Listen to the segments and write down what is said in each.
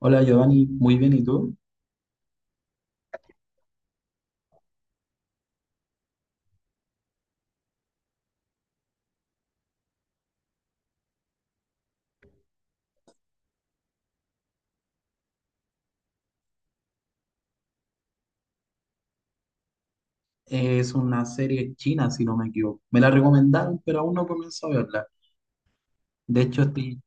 Hola Giovanni, muy bien, ¿y tú? Es una serie china, si no me equivoco. Me la recomendaron, pero aún no comienzo a verla. De hecho, estoy,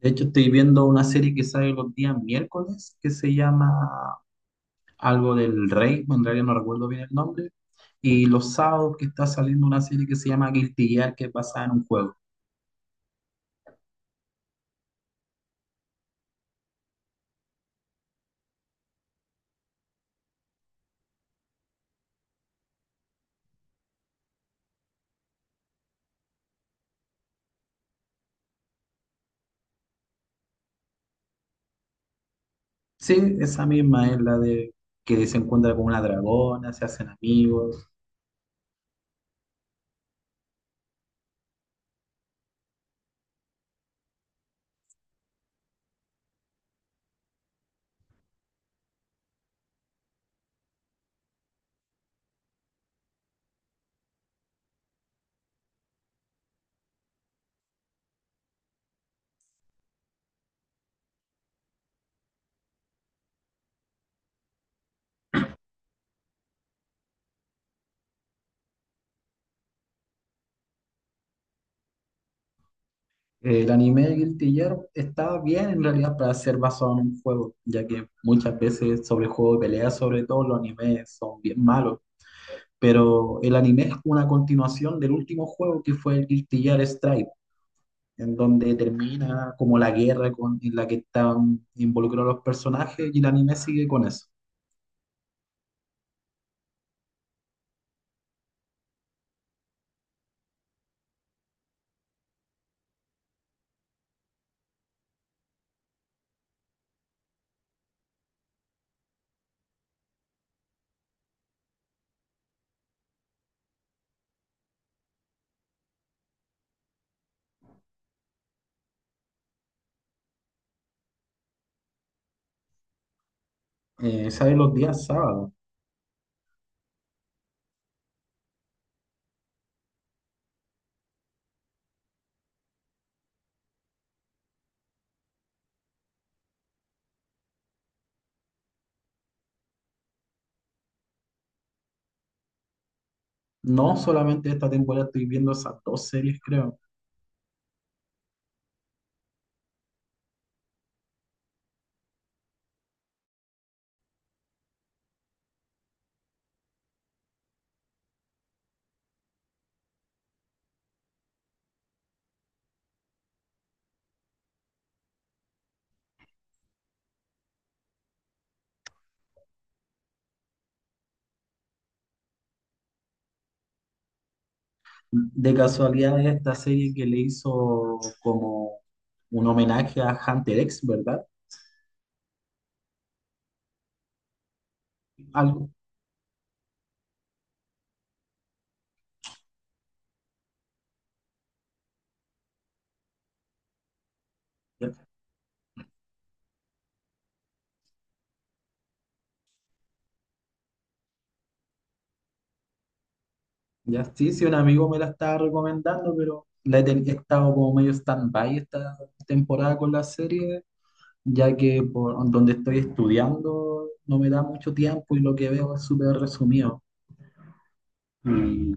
de hecho, estoy viendo una serie que sale los días miércoles, que se llama algo del rey, en realidad no recuerdo bien el nombre. Y los sábados que está saliendo una serie que se llama Guilty Gear, que es basada en un juego. Sí, esa misma es la de que se encuentra con una dragona, se hacen amigos. El anime de Guilty Gear está bien en realidad para ser basado en un juego, ya que muchas veces sobre el juego de pelea, sobre todo los animes son bien malos, pero el anime es una continuación del último juego que fue el Guilty Gear Strive, en donde termina como la guerra con, en la que están involucrados los personajes y el anime sigue con eso. Sale los días sábados. No solamente esta temporada estoy viendo esas dos series, creo. De casualidad es esta serie que le hizo como un homenaje a Hunter X, ¿verdad? Algo. Ya, ya, sí, sí, un amigo me la estaba recomendando, pero he estado como medio stand-by esta temporada con la serie, ya que por donde estoy estudiando no me da mucho tiempo y lo que veo es súper resumido. Y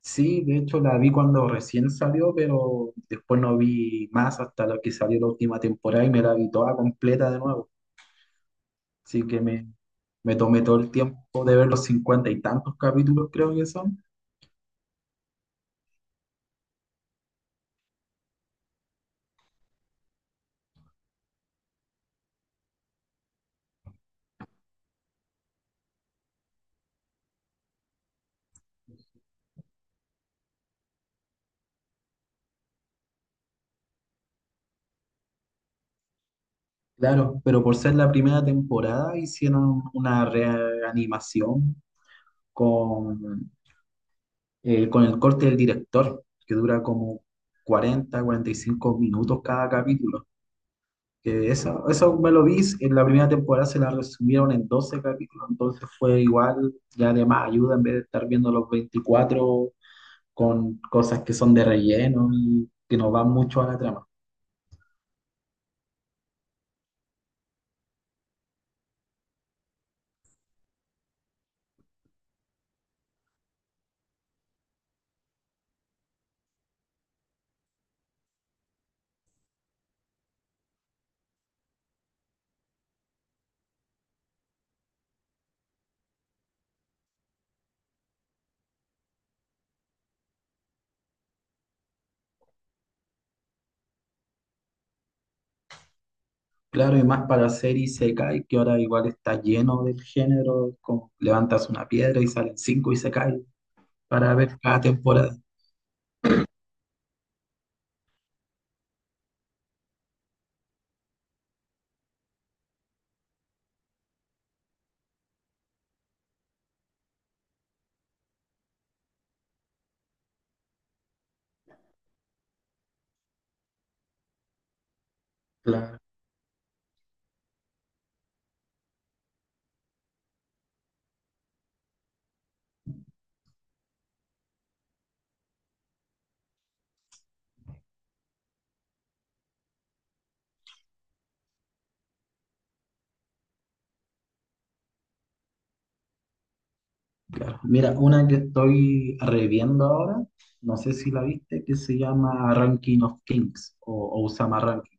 sí, de hecho la vi cuando recién salió, pero después no vi más hasta lo que salió la última temporada y me la vi toda completa de nuevo. Así que me tomé todo el tiempo de ver los cincuenta y tantos capítulos, creo que son. Claro, pero por ser la primera temporada hicieron una reanimación con, con el corte del director, que dura como 40 45 minutos cada capítulo. Que eso me lo vi, en la primera temporada se la resumieron en 12 capítulos, entonces fue igual, ya de más ayuda en vez de estar viendo los 24 con cosas que son de relleno y que no van mucho a la trama. Claro, y más para hacer Isekai, que ahora igual está lleno del género, como levantas una piedra y salen cinco Isekai para ver cada temporada. Claro, claro. Mira, una que estoy reviendo ahora, no sé si la viste, que se llama Ranking of Kings o Osama Ranking,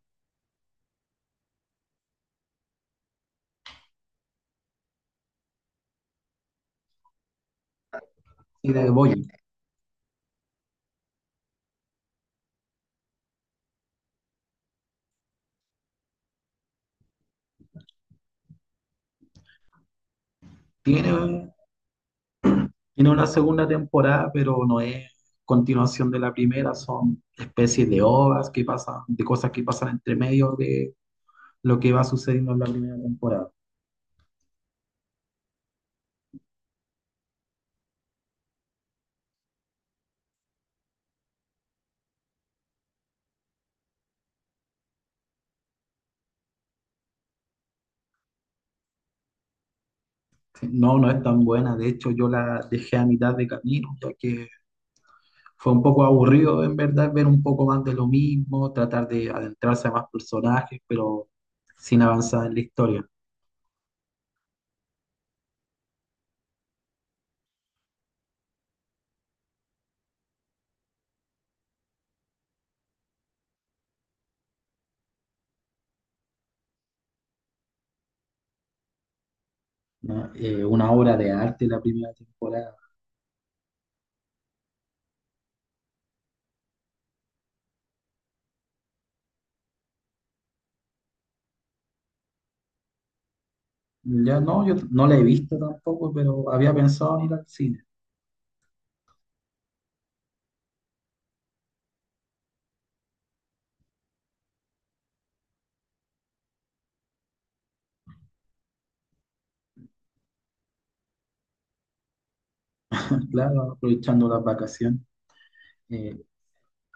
y de Boyu. Tiene, tiene una segunda temporada, pero no es continuación de la primera, son especies de ovas que pasan, de cosas que pasan entre medio de lo que va sucediendo en la primera temporada. No, no es tan buena. De hecho, yo la dejé a mitad de camino, ya que fue un poco aburrido, en verdad, ver un poco más de lo mismo, tratar de adentrarse a más personajes, pero sin avanzar en la historia. ¿No? Una obra de arte la primera temporada. Ya no, yo no la he visto tampoco, pero había pensado en ir al cine, claro, aprovechando las vacaciones. Eh,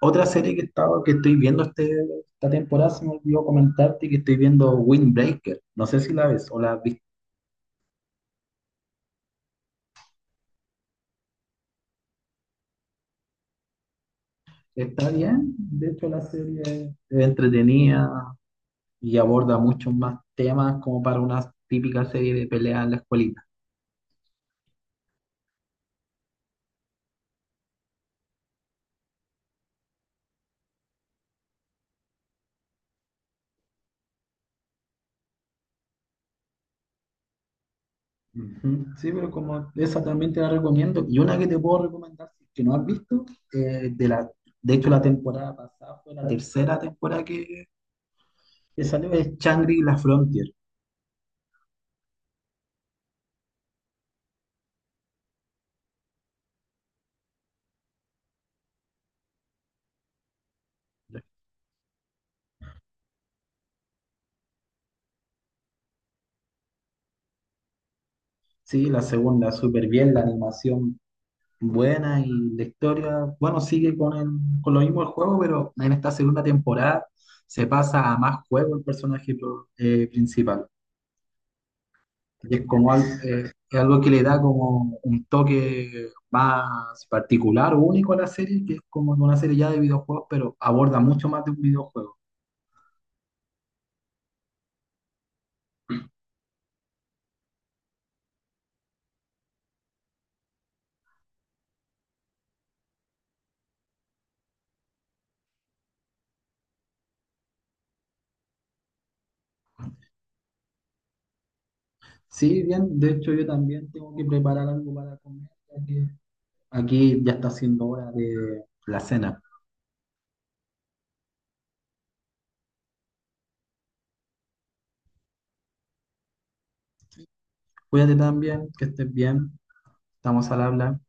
otra serie que estoy viendo esta temporada, se me olvidó comentarte que estoy viendo Windbreaker. No sé si la ves o la has visto. Está bien, de hecho la serie es entretenida y aborda muchos más temas como para una típica serie de pelea en la escuelita. Ujú. Sí, pero como esa también te la recomiendo. Y una que te puedo recomendar, si es que no has visto, eh, de la, de hecho la temporada pasada fue la tercera temporada que salió, es Shangri-La Frontier. Sí, la segunda, súper bien, la animación buena y la historia, bueno, sigue con lo mismo el juego, pero en esta segunda temporada se pasa a más juego el personaje principal. Es algo que le da como un toque más particular o único a la serie, que es como una serie ya de videojuegos, pero aborda mucho más de un videojuego. Sí, bien, de hecho yo también tengo que preparar algo para comer, ya que aquí ya está siendo hora de la cena. Cuídate también, que estés bien. Estamos al habla.